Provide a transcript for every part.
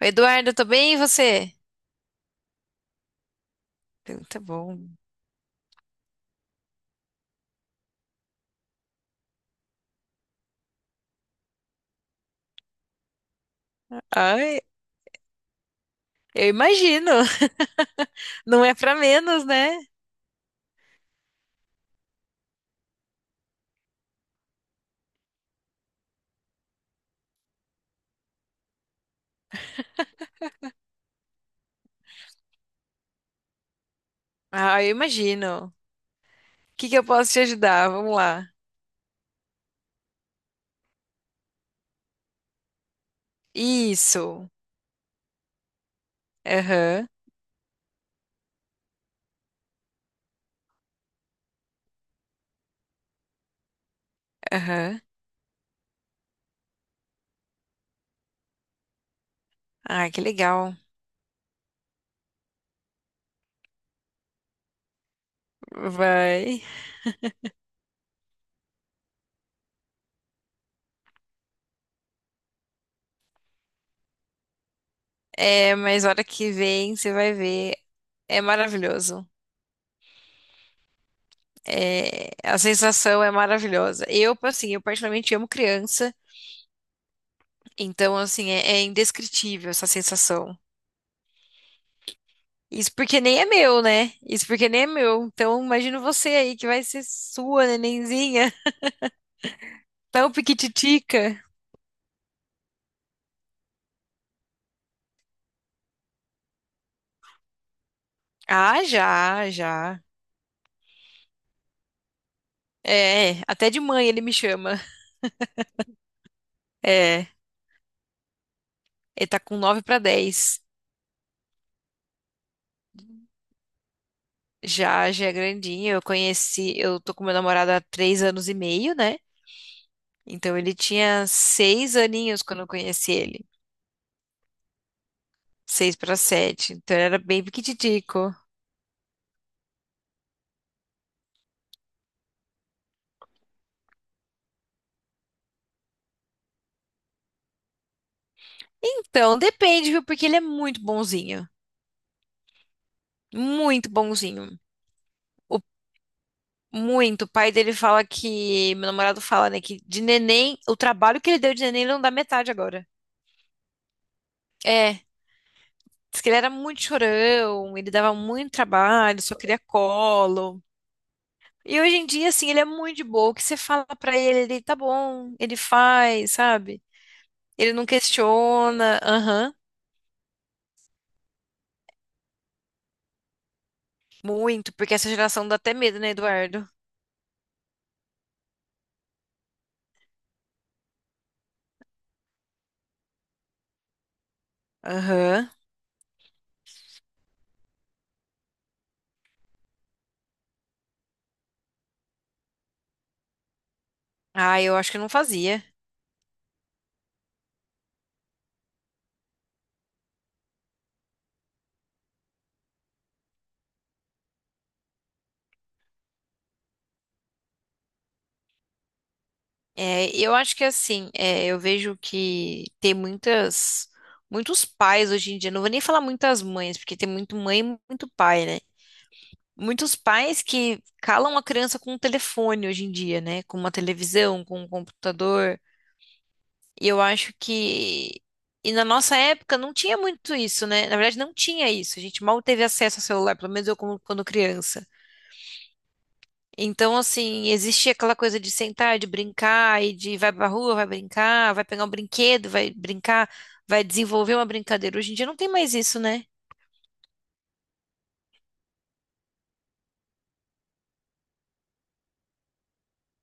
Oi, Eduardo, tô bem, e você? Tá bom. Ai, eu imagino. Não é pra menos, né? Ah, eu imagino. O que que eu posso te ajudar? Vamos lá. Isso. Aham, aham. Ah, que legal. Vai. É, mas hora que vem, você vai ver. É maravilhoso. É, a sensação é maravilhosa. Eu, assim, eu particularmente amo criança. Então, assim, é indescritível essa sensação. Isso porque nem é meu, né? Isso porque nem é meu. Então, imagino você aí que vai ser sua, nenenzinha, tão piquititica. Ah, já, já. É, até de mãe ele me chama. É, ele tá com 9 pra 10. Já, já é grandinho. Eu tô com meu namorado há 3 anos e meio, né? Então ele tinha 6 aninhos quando eu conheci ele. 6 pra 7. Então ele era bem piquititico. Então, depende, viu? Porque ele é muito bonzinho. Muito bonzinho. O Muito. O pai dele fala que. Meu namorado fala, né? Que de neném, o trabalho que ele deu de neném, ele não dá metade agora. É. Diz que ele era muito chorão, ele dava muito trabalho, só queria colo. E hoje em dia, assim, ele é muito de boa. O que você fala pra ele, ele tá bom, ele faz, sabe? Ele não questiona. Aham. Muito. Porque essa geração dá até medo, né, Eduardo? Aham. Ah, eu acho que eu não fazia. É, eu acho que assim, é, eu vejo que tem muitos pais hoje em dia, não vou nem falar muitas mães, porque tem muito mãe e muito pai, né? Muitos pais que calam a criança com um telefone hoje em dia, né? Com uma televisão, com um computador. E eu acho que. E na nossa época não tinha muito isso, né? Na verdade, não tinha isso. A gente mal teve acesso ao celular, pelo menos eu quando criança. Então, assim, existia aquela coisa de sentar, de brincar, e de vai pra rua, vai brincar, vai pegar um brinquedo, vai brincar, vai desenvolver uma brincadeira. Hoje em dia não tem mais isso, né?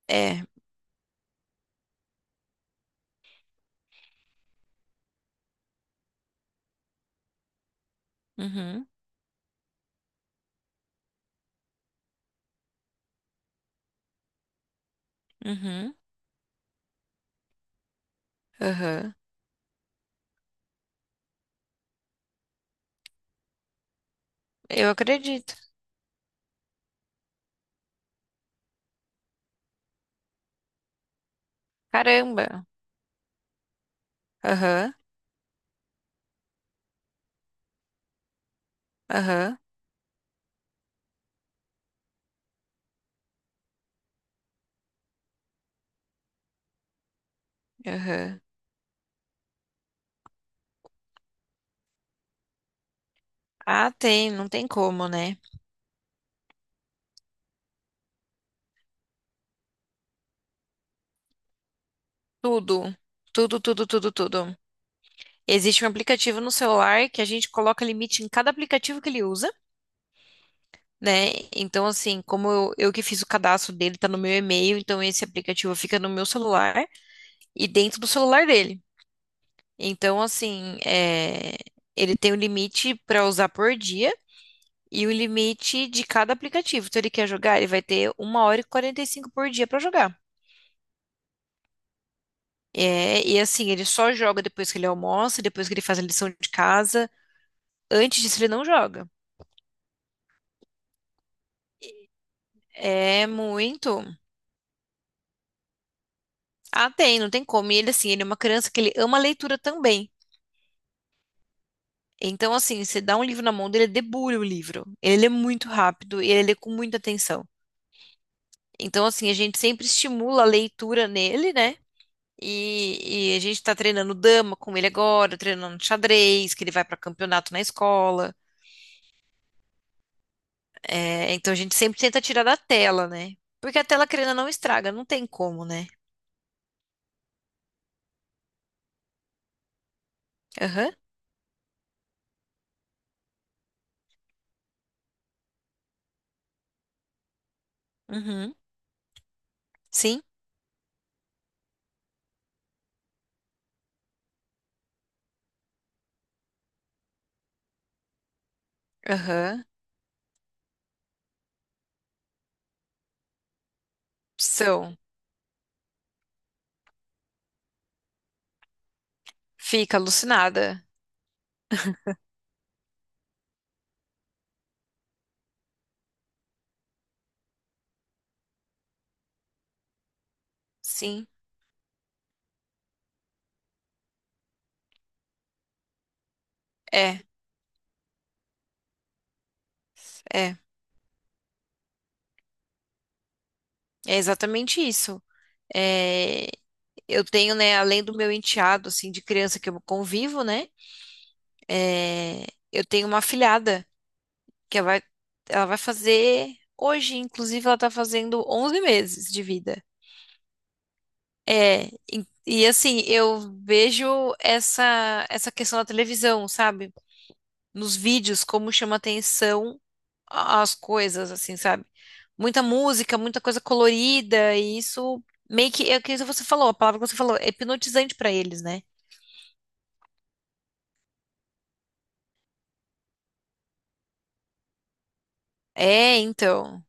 É. Uhum, uhum, aham. Eu acredito. Caramba. Aham, aham, aham. Ah, tem, não tem como, né? Tudo, tudo, tudo, tudo, tudo. Existe um aplicativo no celular que a gente coloca limite em cada aplicativo que ele usa. Né? Então, assim, como eu que fiz o cadastro dele, tá no meu e-mail, então esse aplicativo fica no meu celular e dentro do celular dele. Então, assim, ele tem um limite para usar por dia e o limite de cada aplicativo. Então, ele quer jogar, ele vai ter 1h45 por dia para jogar. É, e assim, ele só joga depois que ele almoça, depois que ele faz a lição de casa. Antes disso, ele não joga. É muito. Ah, tem, não tem como. E ele, assim, ele é uma criança que ele ama leitura também. Então, assim, você dá um livro na mão dele, ele debulha o livro. Ele lê muito rápido e ele lê com muita atenção. Então, assim, a gente sempre estimula a leitura nele, né? E a gente tá treinando dama com ele agora, treinando xadrez, que ele vai para campeonato na escola. É, então, a gente sempre tenta tirar da tela, né? Porque a tela, querendo ou não, estraga, não tem como, né? Aham, uhum, sim, aham. São, fica alucinada. Sim, é, é, é exatamente isso. É, eu tenho, né, além do meu enteado, assim, de criança que eu convivo, né, eu tenho uma afilhada que ela vai fazer hoje, inclusive ela tá fazendo 11 meses de vida. É, assim, eu vejo essa questão da televisão, sabe? Nos vídeos, como chama atenção as coisas, assim, sabe? Muita música, muita coisa colorida, e isso meio que, é o que você falou, a palavra que você falou, é hipnotizante pra eles, né? É, então.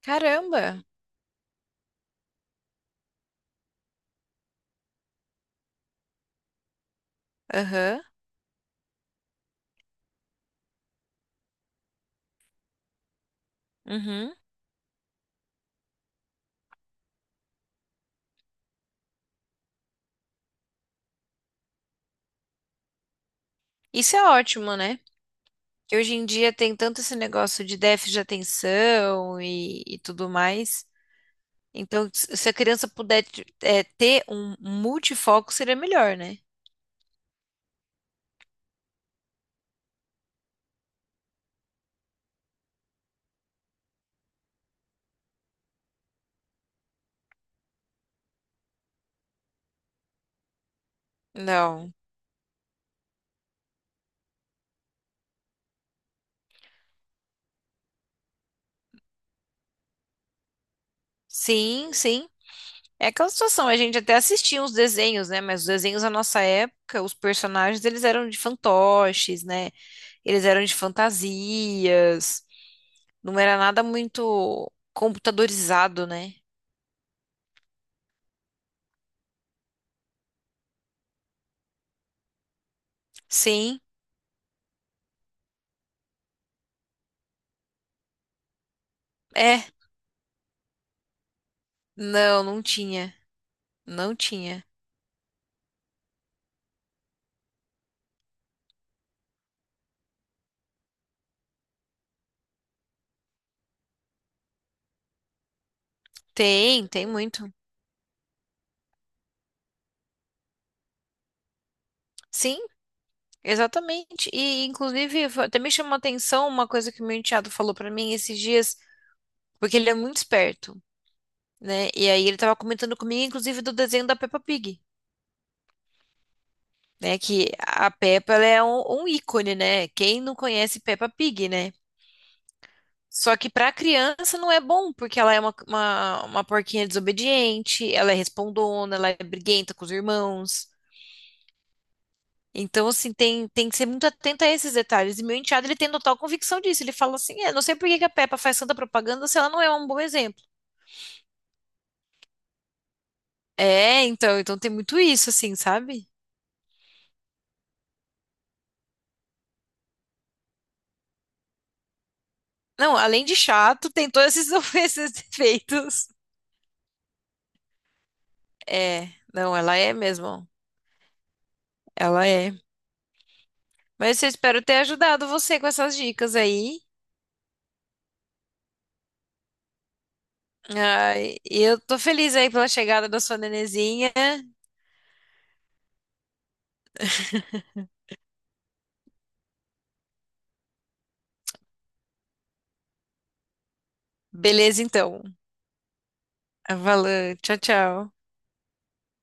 Caramba! Aham, uhum. Isso é ótimo, né? Que hoje em dia tem tanto esse negócio de déficit de atenção e tudo mais. Então, se a criança puder ter um multifoco, seria melhor, né? Não. Sim, sim. É aquela situação, a gente até assistia uns desenhos, né? Mas os desenhos da nossa época, os personagens, eles eram de fantoches, né? Eles eram de fantasias. Não era nada muito computadorizado, né? Sim, é, não, não tinha. Não tinha. Tem muito. Sim, exatamente. E, inclusive, até me chamou a atenção uma coisa que o meu enteado falou pra mim esses dias, porque ele é muito esperto, né? E aí ele tava comentando comigo, inclusive, do desenho da Peppa Pig, né? Que a Peppa, ela é um ícone, né? Quem não conhece Peppa Pig, né? Só que pra criança não é bom, porque ela é uma porquinha desobediente, ela é respondona, ela é briguenta com os irmãos. Então, assim, tem que ser muito atento a esses detalhes. E meu enteado, ele tem total convicção disso. Ele fala assim, não sei por que que a Peppa faz tanta propaganda se ela não é um bom exemplo. É, então tem muito isso, assim, sabe? Não, além de chato, tem todos esses, esses defeitos. É, não, ela é mesmo. Ela é. Mas eu espero ter ajudado você com essas dicas aí. Ai, e eu tô feliz aí pela chegada da sua nenezinha. Beleza, então. Valeu, tchau, tchau.